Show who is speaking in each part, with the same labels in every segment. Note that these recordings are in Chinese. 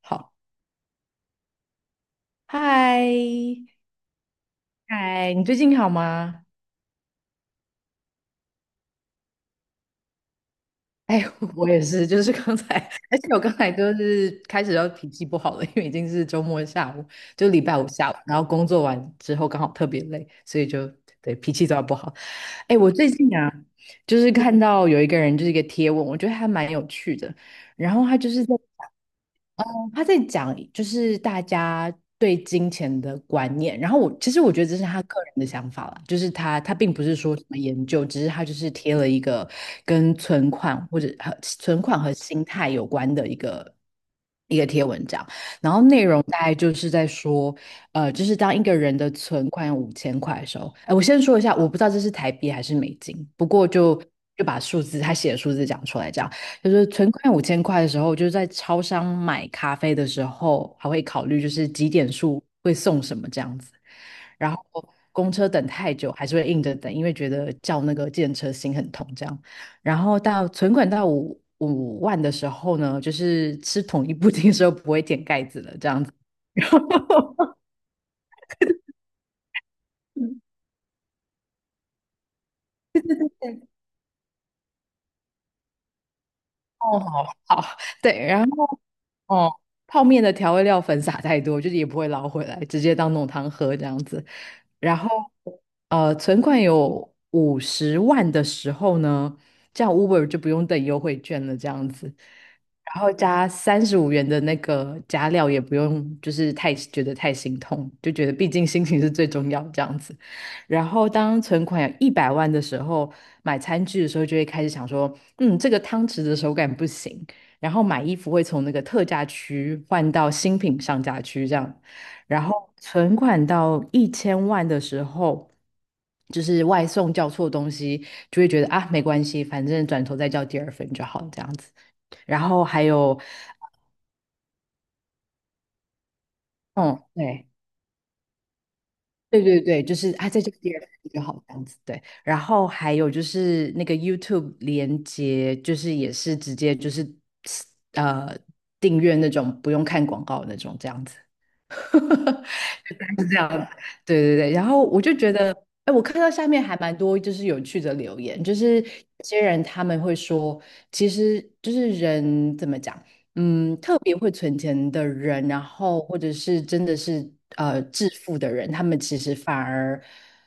Speaker 1: 好，嗨，嗨，你最近好吗？哎，我也是，就是刚才，而且我刚才就是开始要脾气不好了，因为已经是周末下午，就礼拜五下午，然后工作完之后刚好特别累，所以就对脾气都要不好。哎，我最近啊，就是看到有一个人就是一个贴文，我觉得还蛮有趣的，然后他在讲就是大家对金钱的观念，然后我其实我觉得这是他个人的想法啦，就是他并不是说什么研究，只是他就是贴了一个跟存款或者和存款和心态有关的一个贴文这样，然后内容大概就是在说，就是当一个人的存款有五千块的时候，哎，我先说一下，我不知道这是台币还是美金，不过就把他写的数字讲出来这样。就是存款五千块的时候，就是在超商买咖啡的时候，还会考虑就是几点数会送什么这样子。然后公车等太久，还是会硬着等，因为觉得叫那个计程车心很痛这样。然后到存款到5万的时候呢，就是吃统一布丁的时候不会舔盖子了这样子。哦，好，好，对，然后哦，泡面的调味料粉撒太多，就是也不会捞回来，直接当浓汤喝这样子。然后存款有50万的时候呢，这样 Uber 就不用等优惠券了，这样子。然后加35元的那个加料也不用，就是太觉得太心痛，就觉得毕竟心情是最重要这样子。然后当存款有100万的时候，买餐具的时候就会开始想说，嗯，这个汤匙的手感不行。然后买衣服会从那个特价区换到新品上架区这样。然后存款到1000万的时候，就是外送叫错东西，就会觉得啊没关系，反正转头再叫第二份就好这样子。然后还有，嗯，对。对对对，就是啊，再叫第二份就好这样子，对。然后还有就是那个 YouTube 连接，就是也是直接就是呃订阅那种不用看广告那种这样子。大概是这样子对对对。然后我就觉得，哎，我看到下面还蛮多就是有趣的留言，就是有些人他们会说，其实就是人怎么讲，特别会存钱的人，然后或者是真的是致富的人，他们其实反而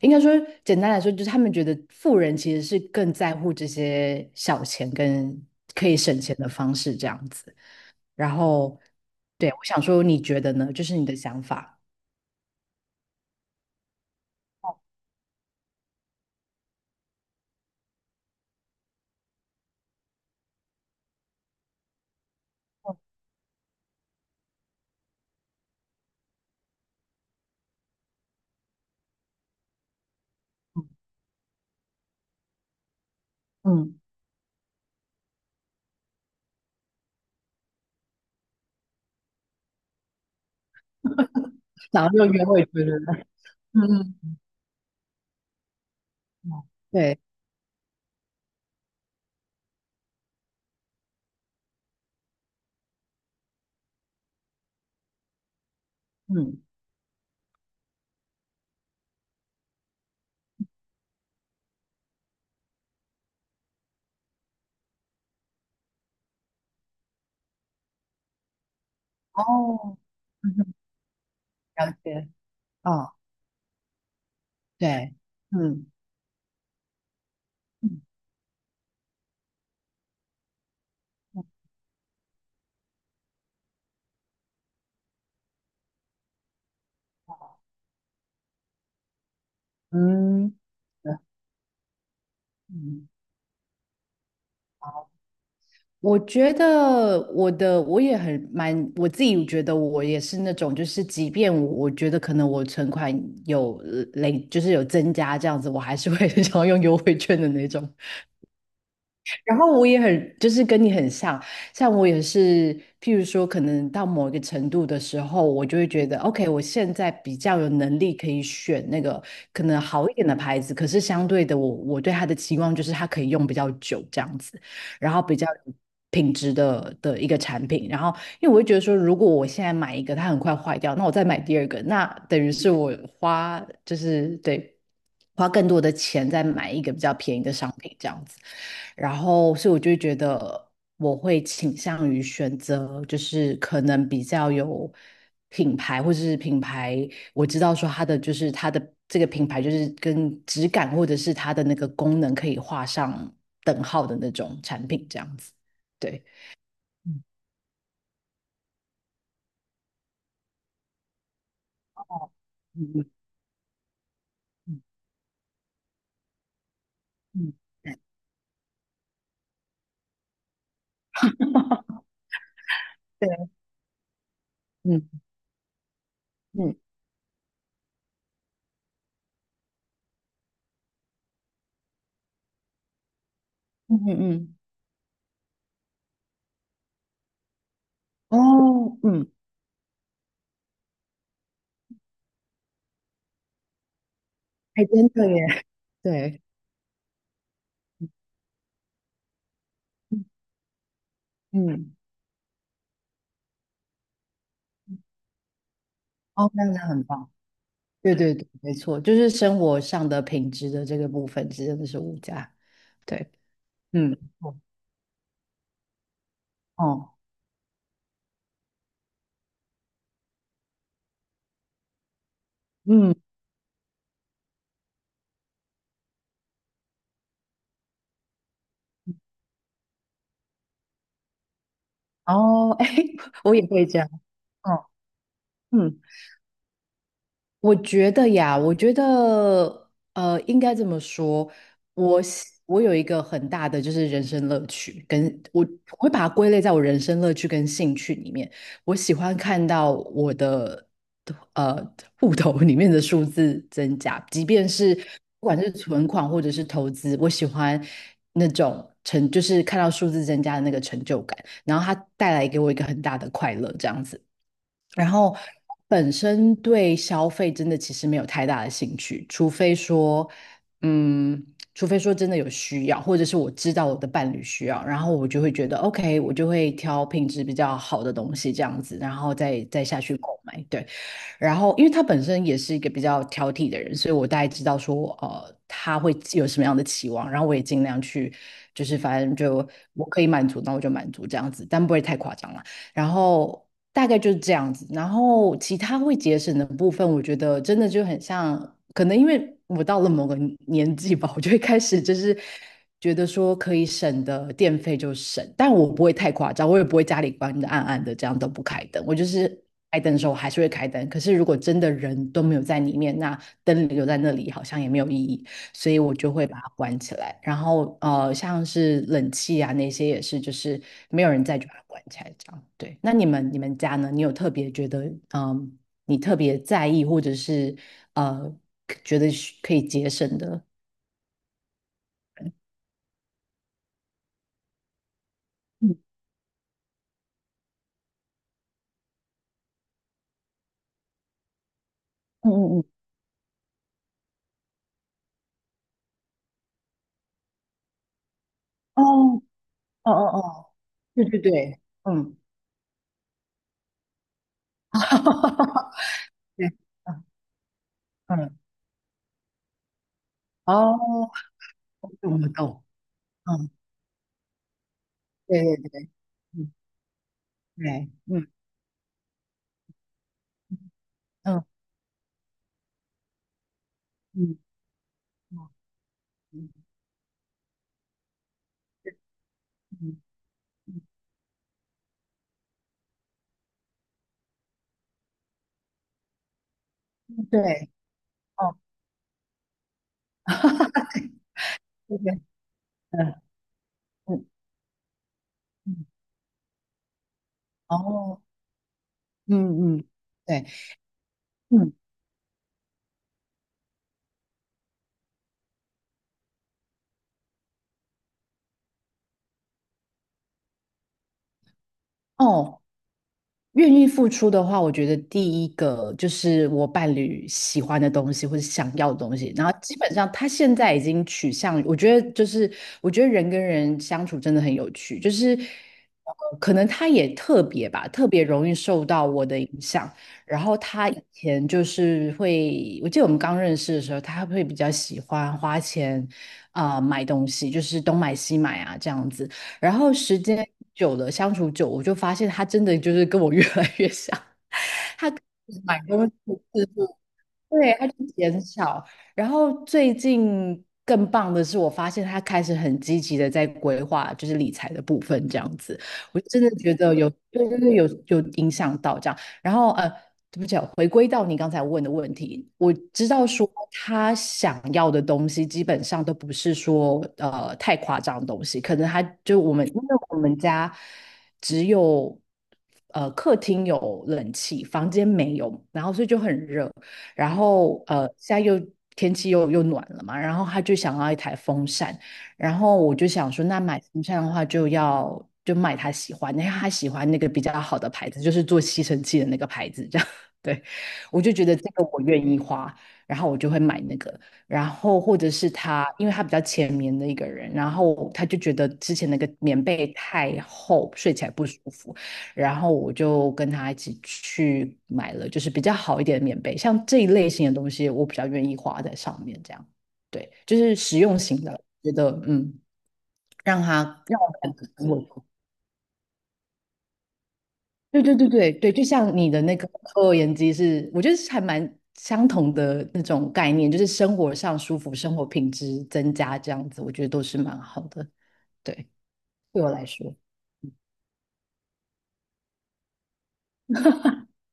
Speaker 1: 应该说简单来说，就是他们觉得富人其实是更在乎这些小钱跟可以省钱的方式这样子。然后，对，我想说，你觉得呢？就是你的想法。嗯，然后就约会觉得，嗯嗯对，嗯，哦，嗯哼，了解，哦，对，嗯嗯嗯。嗯，嗯我觉得我也很蛮，我自己觉得我也是那种，就是即便我觉得可能我存款就是有增加这样子，我还是会 想要用优惠券的那种。然后我也很，就是跟你很像，像我也是，譬如说，可能到某一个程度的时候，我就会觉得，OK，我现在比较有能力可以选那个可能好一点的牌子，可是相对的我，我对它的期望就是它可以用比较久这样子，然后比较有品质的一个产品，然后因为我会觉得说，如果我现在买一个，它很快坏掉，那我再买第二个，那等于是我花就是对花更多的钱再买一个比较便宜的商品这样子。然后，所以我就会觉得我会倾向于选择就是可能比较有品牌，或者是品牌我知道说它的就是它的这个品牌就是跟质感或者是它的那个功能可以画上等号的那种产品这样子。对，嗯嗯嗯嗯。对，嗯嗯嗯嗯嗯，哦，嗯，还真的耶，对，嗯，哦，那样子很棒，对对对，没错，就是生活上的品质的这个部分真的是无价，对，嗯，哦，哦嗯，哦，哎，我也会这样，哦，嗯。我觉得呀，我觉得应该这么说，我有一个很大的就是人生乐趣，跟我我会把它归类在我人生乐趣跟兴趣里面。我喜欢看到我的呃户头里面的数字增加，即便是不管是存款或者是投资，我喜欢那种成就是看到数字增加的那个成就感，然后它带来给我一个很大的快乐，这样子。然后本身对消费真的其实没有太大的兴趣，除非说，嗯，除非说真的有需要，或者是我知道我的伴侣需要，然后我就会觉得 OK，我就会挑品质比较好的东西这样子，然后再下去购买。对，然后因为他本身也是一个比较挑剔的人，所以我大概知道说，他会有什么样的期望，然后我也尽量去，就是反正就我可以满足，那我就满足这样子，但不会太夸张啦。然后大概就是这样子。然后其他会节省的部分，我觉得真的就很像，可能因为我到了某个年纪吧，我就会开始就是觉得说可以省的电费就省，但我不会太夸张，我也不会家里关的暗暗的，这样都不开灯，我就是。开灯的时候我还是会开灯，可是如果真的人都没有在里面，那灯留在那里好像也没有意义。所以我就会把它关起来。然后像是冷气啊那些也是，就是没有人在就把它关起来这样。对，那你们家呢？你有特别觉得你特别在意或者是呃觉得是可以节省的？嗯嗯嗯嗯，哦哦哦哦，对对对，嗯，对，嗯嗯，哦，我懂，嗯，对对对，嗯，对，嗯嗯嗯嗯嗯，对，哦，对对，嗯嗯嗯，哦，嗯嗯，对，嗯，哦，愿意付出的话，我觉得第一个就是我伴侣喜欢的东西或者想要的东西，然后基本上他现在已经取向于我觉得就是我觉得人跟人相处真的很有趣，就是可能他也特别吧，特别容易受到我的影响。然后他以前就是会，我记得我们刚认识的时候，他会比较喜欢花钱啊、买东西，就是东买西买啊这样子。然后时间久了，相处久，我就发现他真的就是跟我越来越像，买东西次数对，它就减少。然后最近更棒的是，我发现他开始很积极的在规划，就是理财的部分这样子。我真的觉得有，对对对，有有影响到这样。然后对不起啊回归到你刚才问的问题，我知道说他想要的东西基本上都不是说太夸张的东西，可能我们因为我们家只有客厅有冷气，房间没有，然后所以就很热。然后现在又天气又暖了嘛，然后他就想要一台风扇，然后我就想说，那买风扇的话就要就买他喜欢的，因为他喜欢那个比较好的牌子，就是做吸尘器的那个牌子，这样。对，我就觉得这个我愿意花，然后我就会买那个，然后或者是他，因为他比较浅眠的一个人，然后他就觉得之前那个棉被太厚，睡起来不舒服，然后我就跟他一起去买了，就是比较好一点的棉被，像这一类型的东西，我比较愿意花在上面，这样，对，就是实用型的，觉得嗯，让他让我感觉很稳固。对对对对对，就像你的那个抽油烟机是，我觉得是还蛮相同的那种概念，就是生活上舒服，生活品质增加这样子，我觉得都是蛮好的。对，对我来说，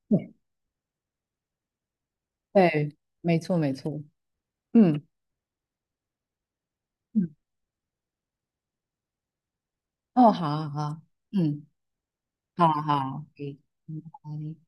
Speaker 1: 嗯对，没错没错，嗯嗯，哦，好啊好啊，嗯。好好，对，拜拜。